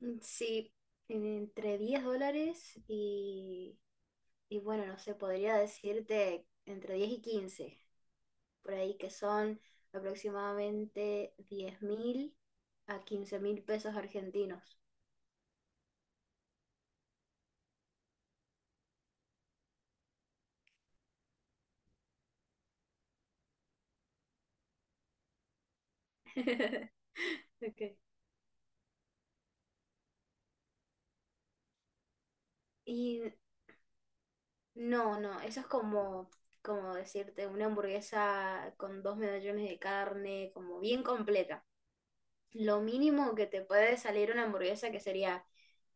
Sí, entre $10 y, bueno, no sé, podría decirte entre 10 y 15 por ahí que son aproximadamente 10.000 a 15.000 pesos argentinos. Ok. Y no, no, eso es como, decirte una hamburguesa con dos medallones de carne, como bien completa. Lo mínimo que te puede salir una hamburguesa, que sería,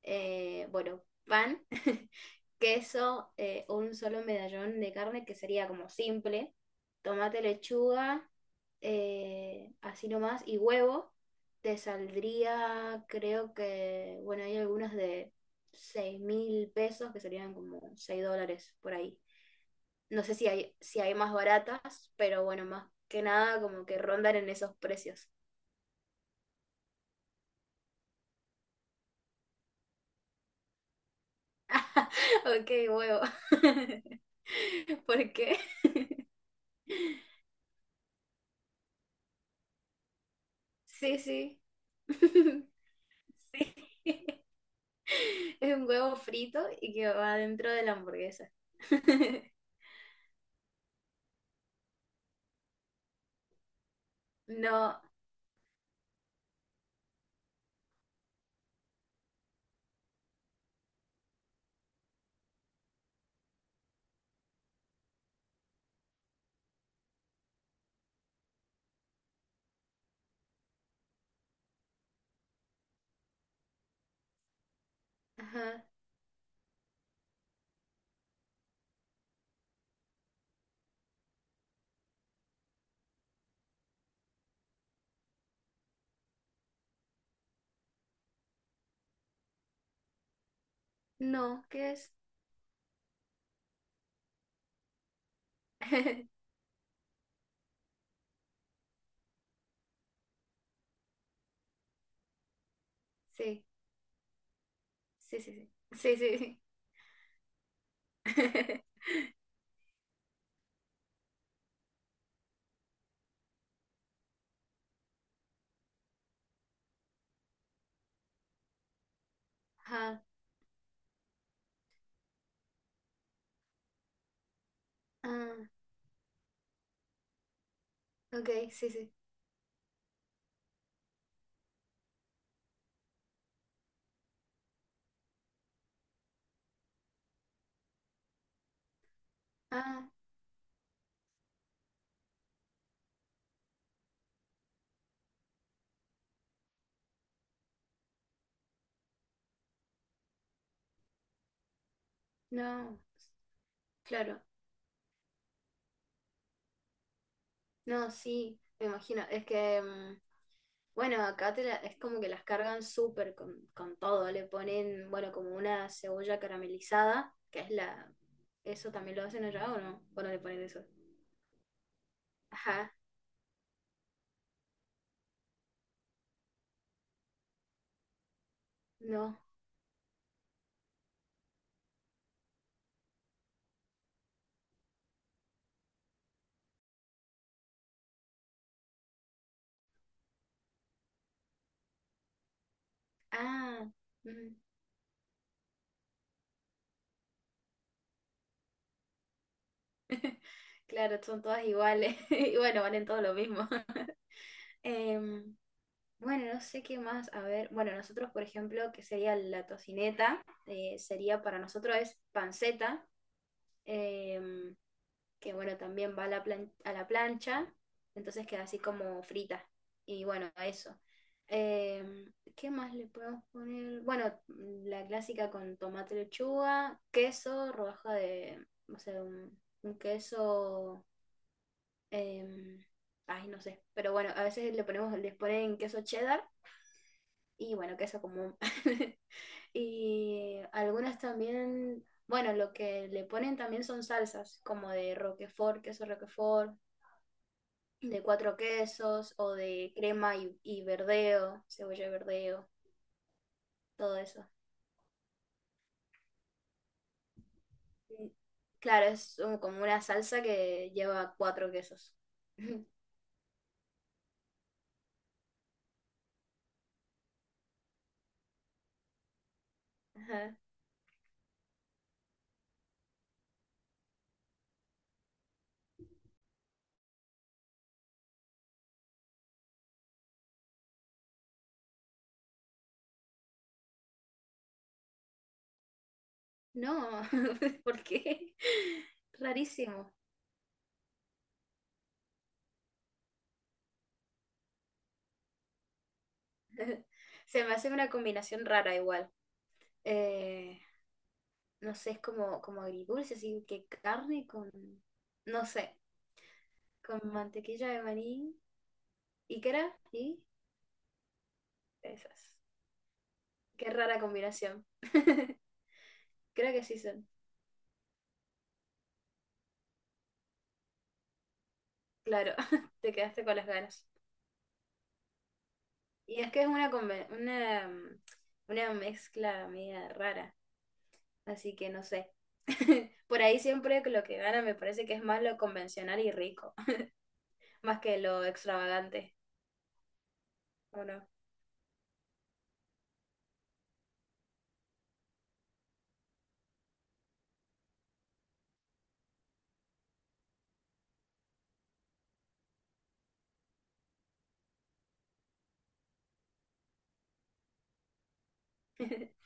bueno, pan, queso, un solo medallón de carne, que sería como simple, tomate, lechuga, así nomás, y huevo, te saldría, creo que, bueno, hay algunas de 6.000 pesos, que serían como $6 por ahí. No sé si hay más baratas, pero bueno, más que nada como que rondan en esos precios. Ok, huevo. ¿Por qué? Sí, sí. Sí, es un huevo frito y que va dentro de la hamburguesa. No, ajá, no, ¿qué es? Sí, sí, sí, sí, sí, sí, sí. Ajá, ah, ok, sí, sí. Ah, no, claro, no, sí, me imagino, es que bueno, acá te la- es como que las cargan súper con todo. Le ponen, bueno, como una cebolla caramelizada, que es la... ¿Eso también lo hacen allá o no? ¿O no le ponen eso? Ajá, no. Ah, mm, claro, son todas iguales. Y bueno, valen todo lo mismo. Em, bueno, no sé qué más. A ver, bueno, nosotros, por ejemplo, que sería la tocineta, sería para nosotros es panceta. em, que bueno, también va a la, a la plancha, entonces queda así como frita. Y bueno, eso. Eh, ¿Qué más le podemos poner? Bueno, la clásica con tomate, lechuga, queso, rodaja de, o sea, un queso, em, ay, no sé, pero bueno, a veces le ponemos, les ponen queso cheddar y bueno, queso común. Y algunas también, bueno, lo que le ponen también son salsas, como de roquefort, queso roquefort, de cuatro quesos o de crema y verdeo, cebolla y verdeo, todo eso. Y claro, es como una salsa que lleva cuatro quesos. Ajá. No, ¿por qué? Rarísimo. Se me hace una combinación rara igual. Eh, no sé, es como, como agridulce, así que carne con, no sé, con mantequilla de maní. ¿Y qué era? Y esas. Qué rara combinación. Creo que sí son. Claro, te quedaste con las ganas. Y es que es una, una, una mezcla media rara, así que no sé. Por ahí siempre que lo que gana me parece que es más lo convencional y rico, más que lo extravagante, ¿o no?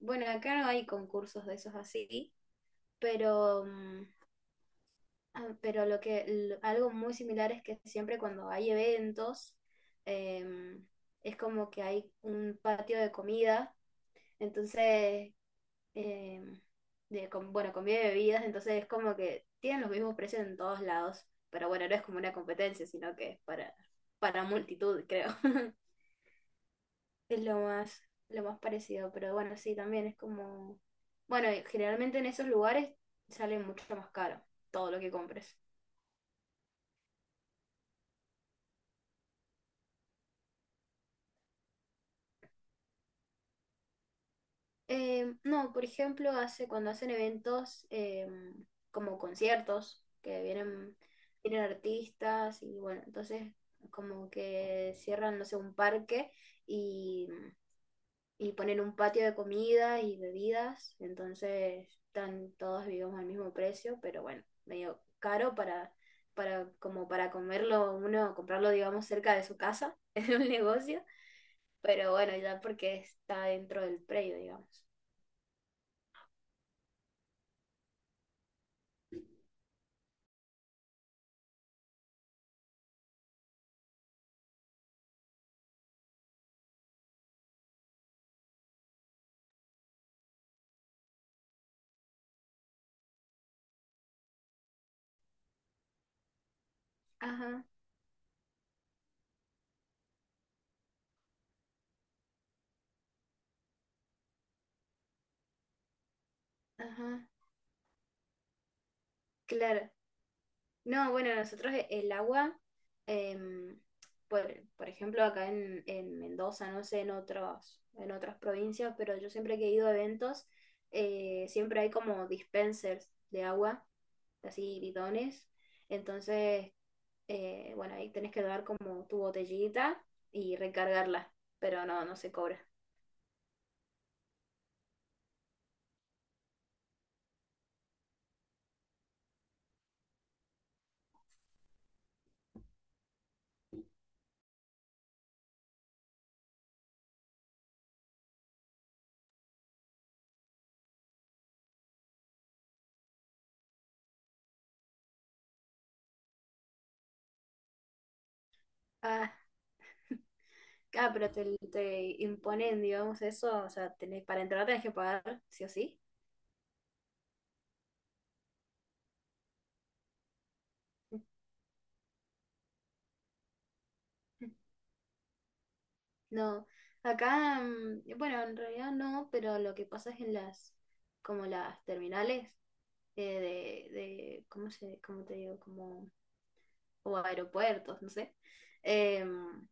Bueno, acá no hay concursos de esos así, pero, ah, pero lo que, algo muy similar es que siempre cuando hay eventos, em, es como que hay un patio de comida. Entonces, eh, de, con bueno, comida y bebidas, entonces es como que tienen los mismos precios en todos lados, pero bueno, no es como una competencia, sino que es para multitud, creo. Es lo más parecido, pero bueno, sí, también es como, bueno, y generalmente en esos lugares sale mucho más caro todo lo que compres. No, por ejemplo, cuando hacen eventos como conciertos, que vienen artistas y bueno, entonces como que cierran, no sé, un parque y, y ponen un patio de comida y bebidas, entonces están todos, digamos, al mismo precio, pero bueno, medio caro para, como para comerlo uno, comprarlo, digamos, cerca de su casa, en un negocio, pero bueno, ya porque está dentro del predio, digamos. Ajá. Ajá, claro. No, bueno, nosotros el agua, em, por, por ejemplo, acá en Mendoza, no sé, en otros, en otras provincias, pero yo siempre que he ido a eventos, siempre hay como dispensers de agua, así bidones. Entonces, bueno, ahí tenés que dar como tu botellita y recargarla, pero no, no se cobra. Ah, ah, pero te imponen, digamos, eso, o sea, tenés, para entrar tenés que pagar, sí o sí. No, acá, bueno, en realidad no, pero lo que pasa es en las, como las terminales eh, de, ¿cómo se, cómo te digo? Como, o aeropuertos, no sé. em,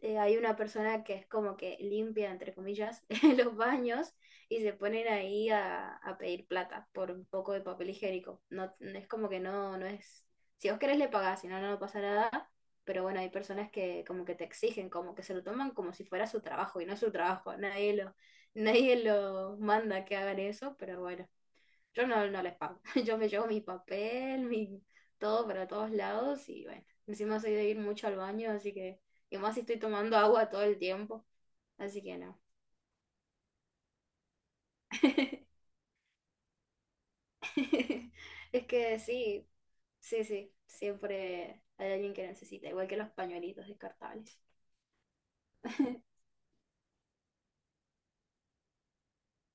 hay una persona que es como que limpia, entre comillas, los baños y se ponen ahí a pedir plata por un poco de papel higiénico. No, es como que no, no es... Si vos querés le pagás, si no, no pasa nada. Pero bueno, hay personas que como que te exigen, como que se lo toman como si fuera su trabajo y no es su trabajo. Nadie lo, nadie lo manda que hagan eso, pero bueno. Yo no, no les pago. Yo me llevo mi papel, mi todo para todos lados y bueno, encima soy de ir mucho al baño, así que, y más si estoy tomando agua todo el tiempo, así que no. Es que sí, sí, sí, siempre hay alguien que necesita, igual que los pañuelitos descartables.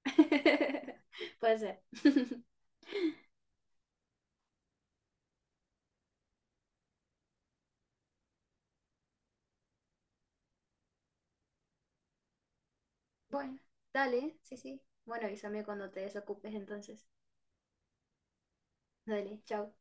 Puede ser. Bueno, dale, sí, sí. Bueno, avísame cuando te desocupes entonces. Dale, chao.